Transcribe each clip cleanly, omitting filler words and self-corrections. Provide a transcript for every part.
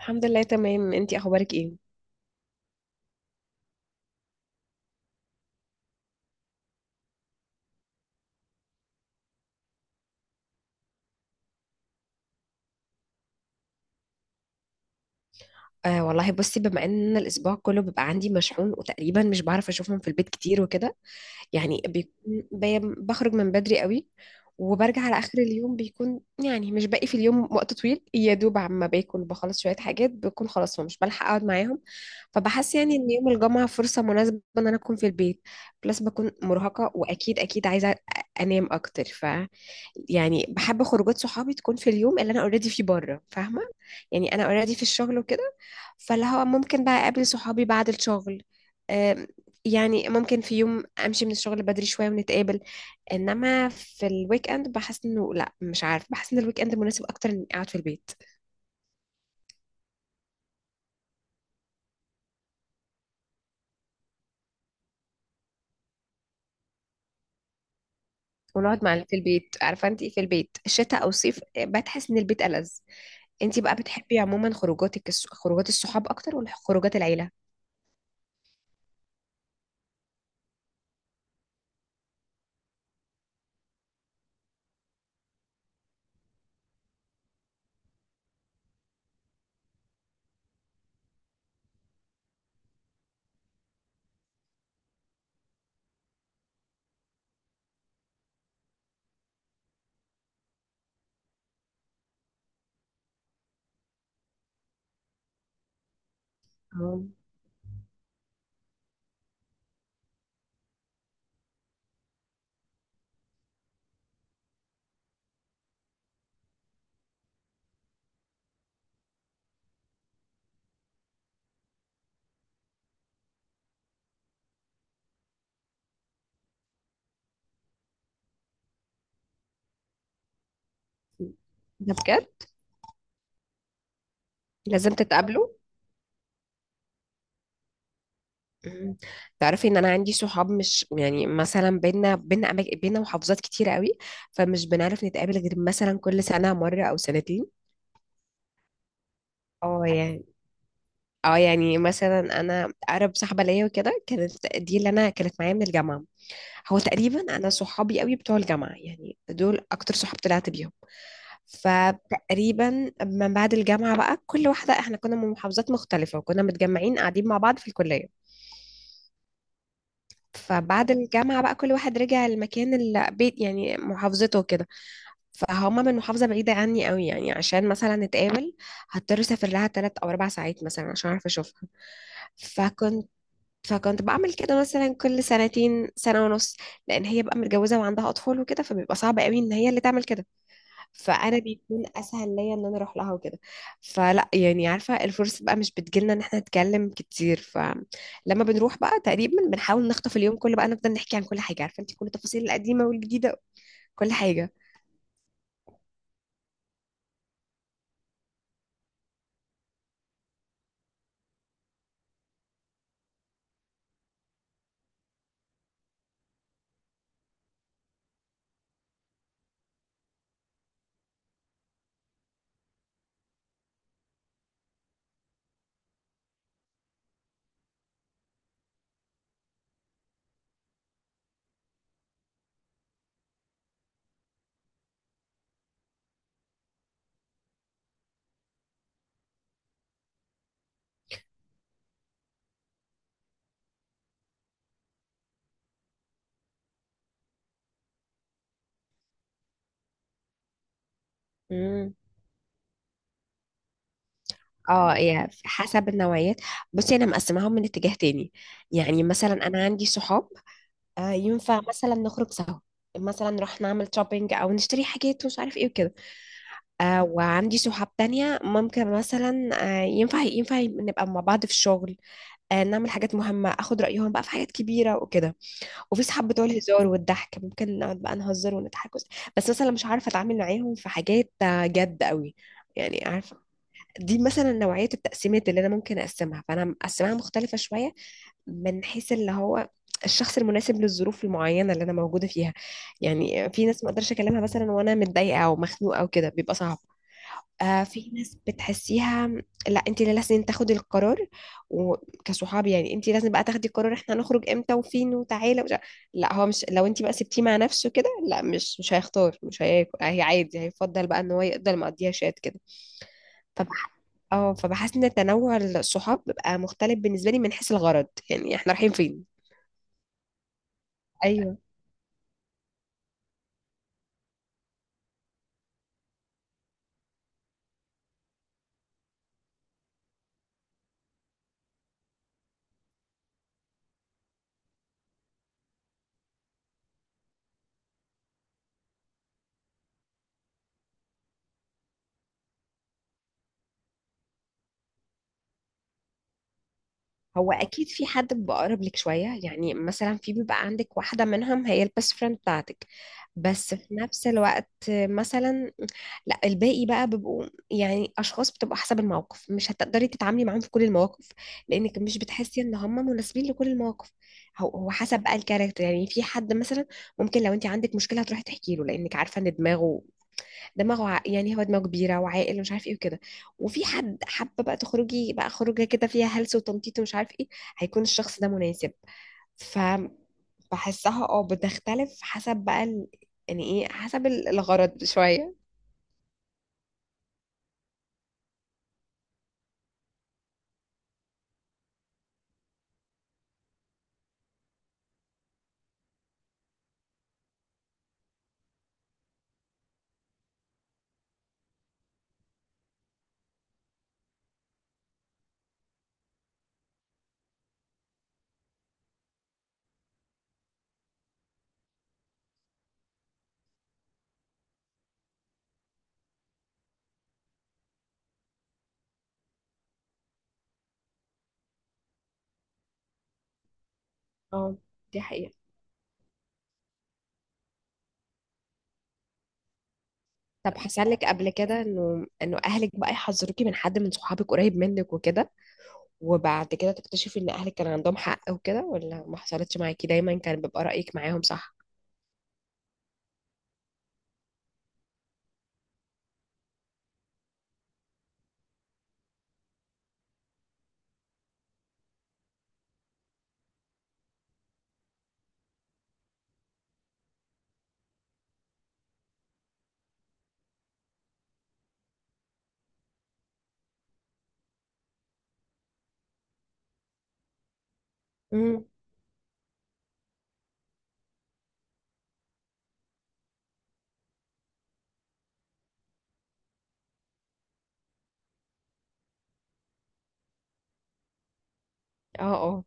الحمد لله، تمام. انتي اخبارك ايه؟ آه والله، بصي، بما ان الاسبوع كله بيبقى عندي مشحون، وتقريبا مش بعرف اشوفهم في البيت كتير وكده. يعني بيكون بخرج من بدري قوي، وبرجع على آخر اليوم، بيكون يعني مش باقي في اليوم وقت طويل، يا دوب عما باكل بخلص شوية حاجات بكون خلاص، ومش بلحق أقعد معاهم. فبحس يعني إن يوم الجمعة فرصة مناسبة إن أنا أكون في البيت. بلس بكون مرهقة، وأكيد أكيد عايزة أنام أكتر. يعني بحب خروجات صحابي تكون في اليوم اللي أنا أوريدي فيه بره، فاهمة؟ يعني أنا أوريدي في الشغل وكده، فاللي هو ممكن بقى اقابل صحابي بعد الشغل. يعني ممكن في يوم امشي من الشغل بدري شويه ونتقابل. انما في الويك اند بحس انه لا، مش عارف، بحس ان الويك اند مناسب اكتر اني اقعد في البيت ونقعد مع في البيت. عارفه انت في البيت شتاء او صيف بتحس ان البيت ألذ. انت بقى بتحبي عموما خروجاتك خروجات الصحاب اكتر، ولا خروجات العيله؟ آه. ده بجد؟ لازم تتقابلوا. مم. تعرفي ان انا عندي صحاب مش يعني مثلا بينا محافظات كتيره قوي، فمش بنعرف نتقابل غير مثلا كل سنه مره او سنتين. اه يعني. اه يعني مثلا انا اقرب صاحبه ليا وكده، كانت دي اللي انا كانت معايا من الجامعه. هو تقريبا انا صحابي قوي بتوع الجامعه، يعني دول اكتر صحاب طلعت بيهم. فتقريبا من بعد الجامعه بقى، كل واحده احنا كنا من محافظات مختلفه، وكنا متجمعين قاعدين مع بعض في الكليه. فبعد الجامعه بقى كل واحد رجع المكان البيت، يعني محافظته كده. فهما من محافظة بعيدة عني قوي، يعني عشان مثلا نتقابل هضطر اسافر لها 3 او 4 ساعات مثلا عشان اعرف اشوفها. فكنت فكنت بعمل كده مثلا كل سنتين سنة ونص، لأن هي بقى متجوزة وعندها أطفال وكده، فبيبقى صعب قوي إن هي اللي تعمل كده. فأنا بيكون أسهل ليا إن أنا أروح لها وكده. فلا يعني، عارفة، الفرصة بقى مش بتجيلنا إن احنا نتكلم كتير، فلما بنروح بقى تقريبا بنحاول نخطف اليوم كله، بقى نفضل نحكي عن كل حاجة، عارفة أنت، كل التفاصيل القديمة والجديدة، كل حاجة. اه هي حسب النوعيات. بصي انا مقسماهم من اتجاه تاني. يعني مثلا انا عندي صحاب ينفع مثلا نخرج سوا، مثلا نروح نعمل شوبينج او نشتري حاجات ومش عارف ايه وكده. وعندي صحاب تانية ممكن مثلا ينفع نبقى مع بعض في الشغل، نعمل حاجات مهمة، اخد رأيهم بقى في حاجات كبيرة وكده. وفي صحاب بتوع الهزار والضحك، ممكن نقعد بقى نهزر ونضحك بس مثلا مش عارفة اتعامل معاهم في حاجات جد قوي. يعني دي مثلا نوعية التقسيمات اللي أنا ممكن أقسمها، فأنا مقسمها مختلفة شوية، من حيث اللي هو الشخص المناسب للظروف المعينة اللي أنا موجودة فيها. يعني في ناس ما أقدرش أكلمها مثلا وأنا متضايقة أو مخنوقة أو كده، بيبقى صعب. في ناس بتحسيها لا، أنت اللي لازم تاخدي القرار. وكصحاب يعني أنت لازم بقى تاخدي القرار، إحنا هنخرج إمتى وفين وتعالى، ومش لا، هو مش، لو أنت بقى سبتيه مع نفسه كده لا، مش هيختار، مش هياكل، هي عادي، هيفضل بقى إن هو يقدر مقضيها شات كده. فبح... اه، فبحس ان تنوع الصحاب بيبقى مختلف بالنسبه لي من حيث الغرض، يعني احنا رايحين فين. ايوه. هو اكيد في حد بيبقى اقرب لك شويه، يعني مثلا في، بيبقى عندك واحده منهم هي البيست فريند بتاعتك، بس في نفس الوقت مثلا لا، الباقي بقى بيبقوا يعني اشخاص بتبقى حسب الموقف، مش هتقدري تتعاملي معاهم في كل المواقف، لانك مش بتحسي ان هم مناسبين لكل المواقف. هو حسب بقى الكاركتر. يعني في حد مثلا ممكن لو انت عندك مشكله هتروحي تحكي له، لانك عارفه ان دماغه، يعني هو دماغه كبيره وعاقل ومش عارف ايه وكده. وفي حد حابه بقى تخرجي بقى خروجه كده فيها هلس وتنطيط ومش عارف ايه، هيكون الشخص ده مناسب. ف بحسها بتختلف حسب بقى يعني ايه، حسب الغرض شويه. اه دي حقيقة. طب حصل لك قبل كده انه اهلك بقى يحذروكي من حد من صحابك قريب منك وكده، وبعد كده تكتشفي ان اهلك كان عندهم حق وكده، ولا ما حصلتش معاكي، دايما كان بيبقى رأيك معاهم صح؟ امم. اه.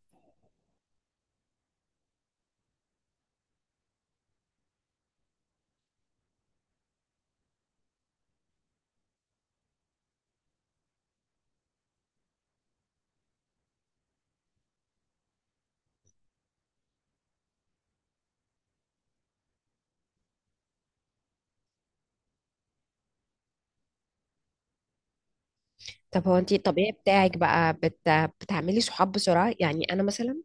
طب هو انتي الطبيعي بتاعك بقى بتعملي صحاب بسرعة؟ يعني انا مثلا،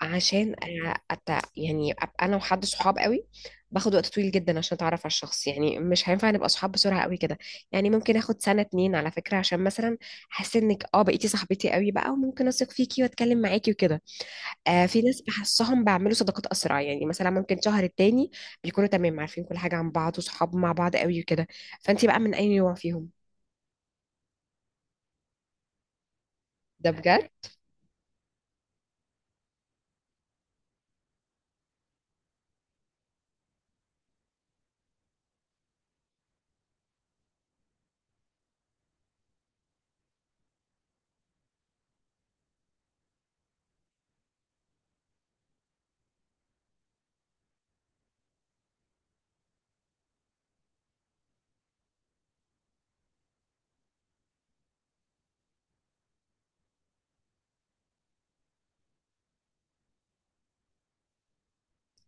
عشان أ- أت... يعني ابقى انا وحد صحاب قوي، باخد وقت طويل جدا عشان اتعرف على الشخص، يعني مش هينفع نبقى صحاب بسرعة قوي كده. يعني ممكن اخد سنة اتنين على فكرة عشان مثلا احس انك بقيتي صاحبتي قوي بقى، وممكن اثق فيكي واتكلم معاكي وكده. في ناس بحسهم بعملوا صداقات اسرع، يعني مثلا ممكن شهر التاني بيكونوا تمام، عارفين كل حاجة عن بعض وصحاب مع بعض قوي وكده. فانتي بقى من اي نوع فيهم؟ ده بجد؟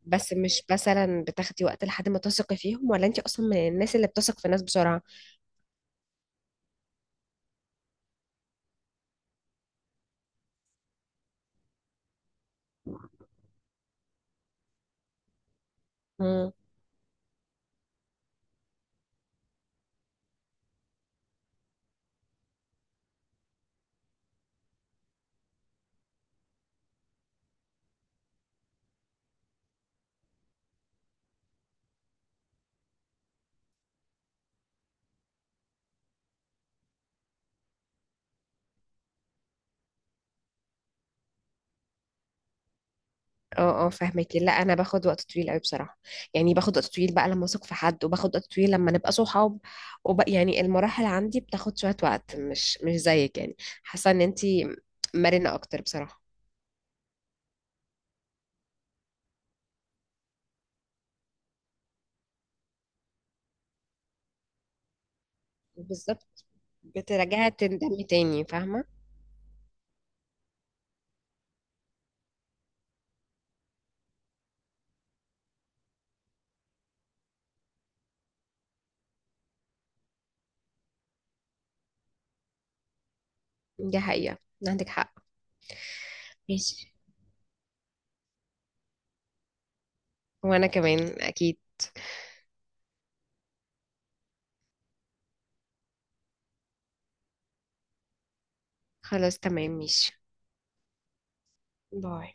بس مش مثلا بتاخدي وقت لحد ما تثقي فيهم، ولا انت اصلا من الناس اللي بتثق في الناس بسرعه؟ مم. اه اه، فاهمك. لا، انا باخد وقت طويل قوي بصراحه. يعني باخد وقت طويل بقى لما اثق في حد، وباخد وقت طويل لما نبقى صحاب، وبقى يعني المراحل عندي بتاخد شويه وقت، مش مش زيك يعني. حاسه ان انت مرنه اكتر بصراحه. بالظبط. بتراجعي تندمي تاني، فاهمه؟ دي حقيقه. عندك حق. ماشي. وانا كمان اكيد. خلاص تمام، ماشي. باي.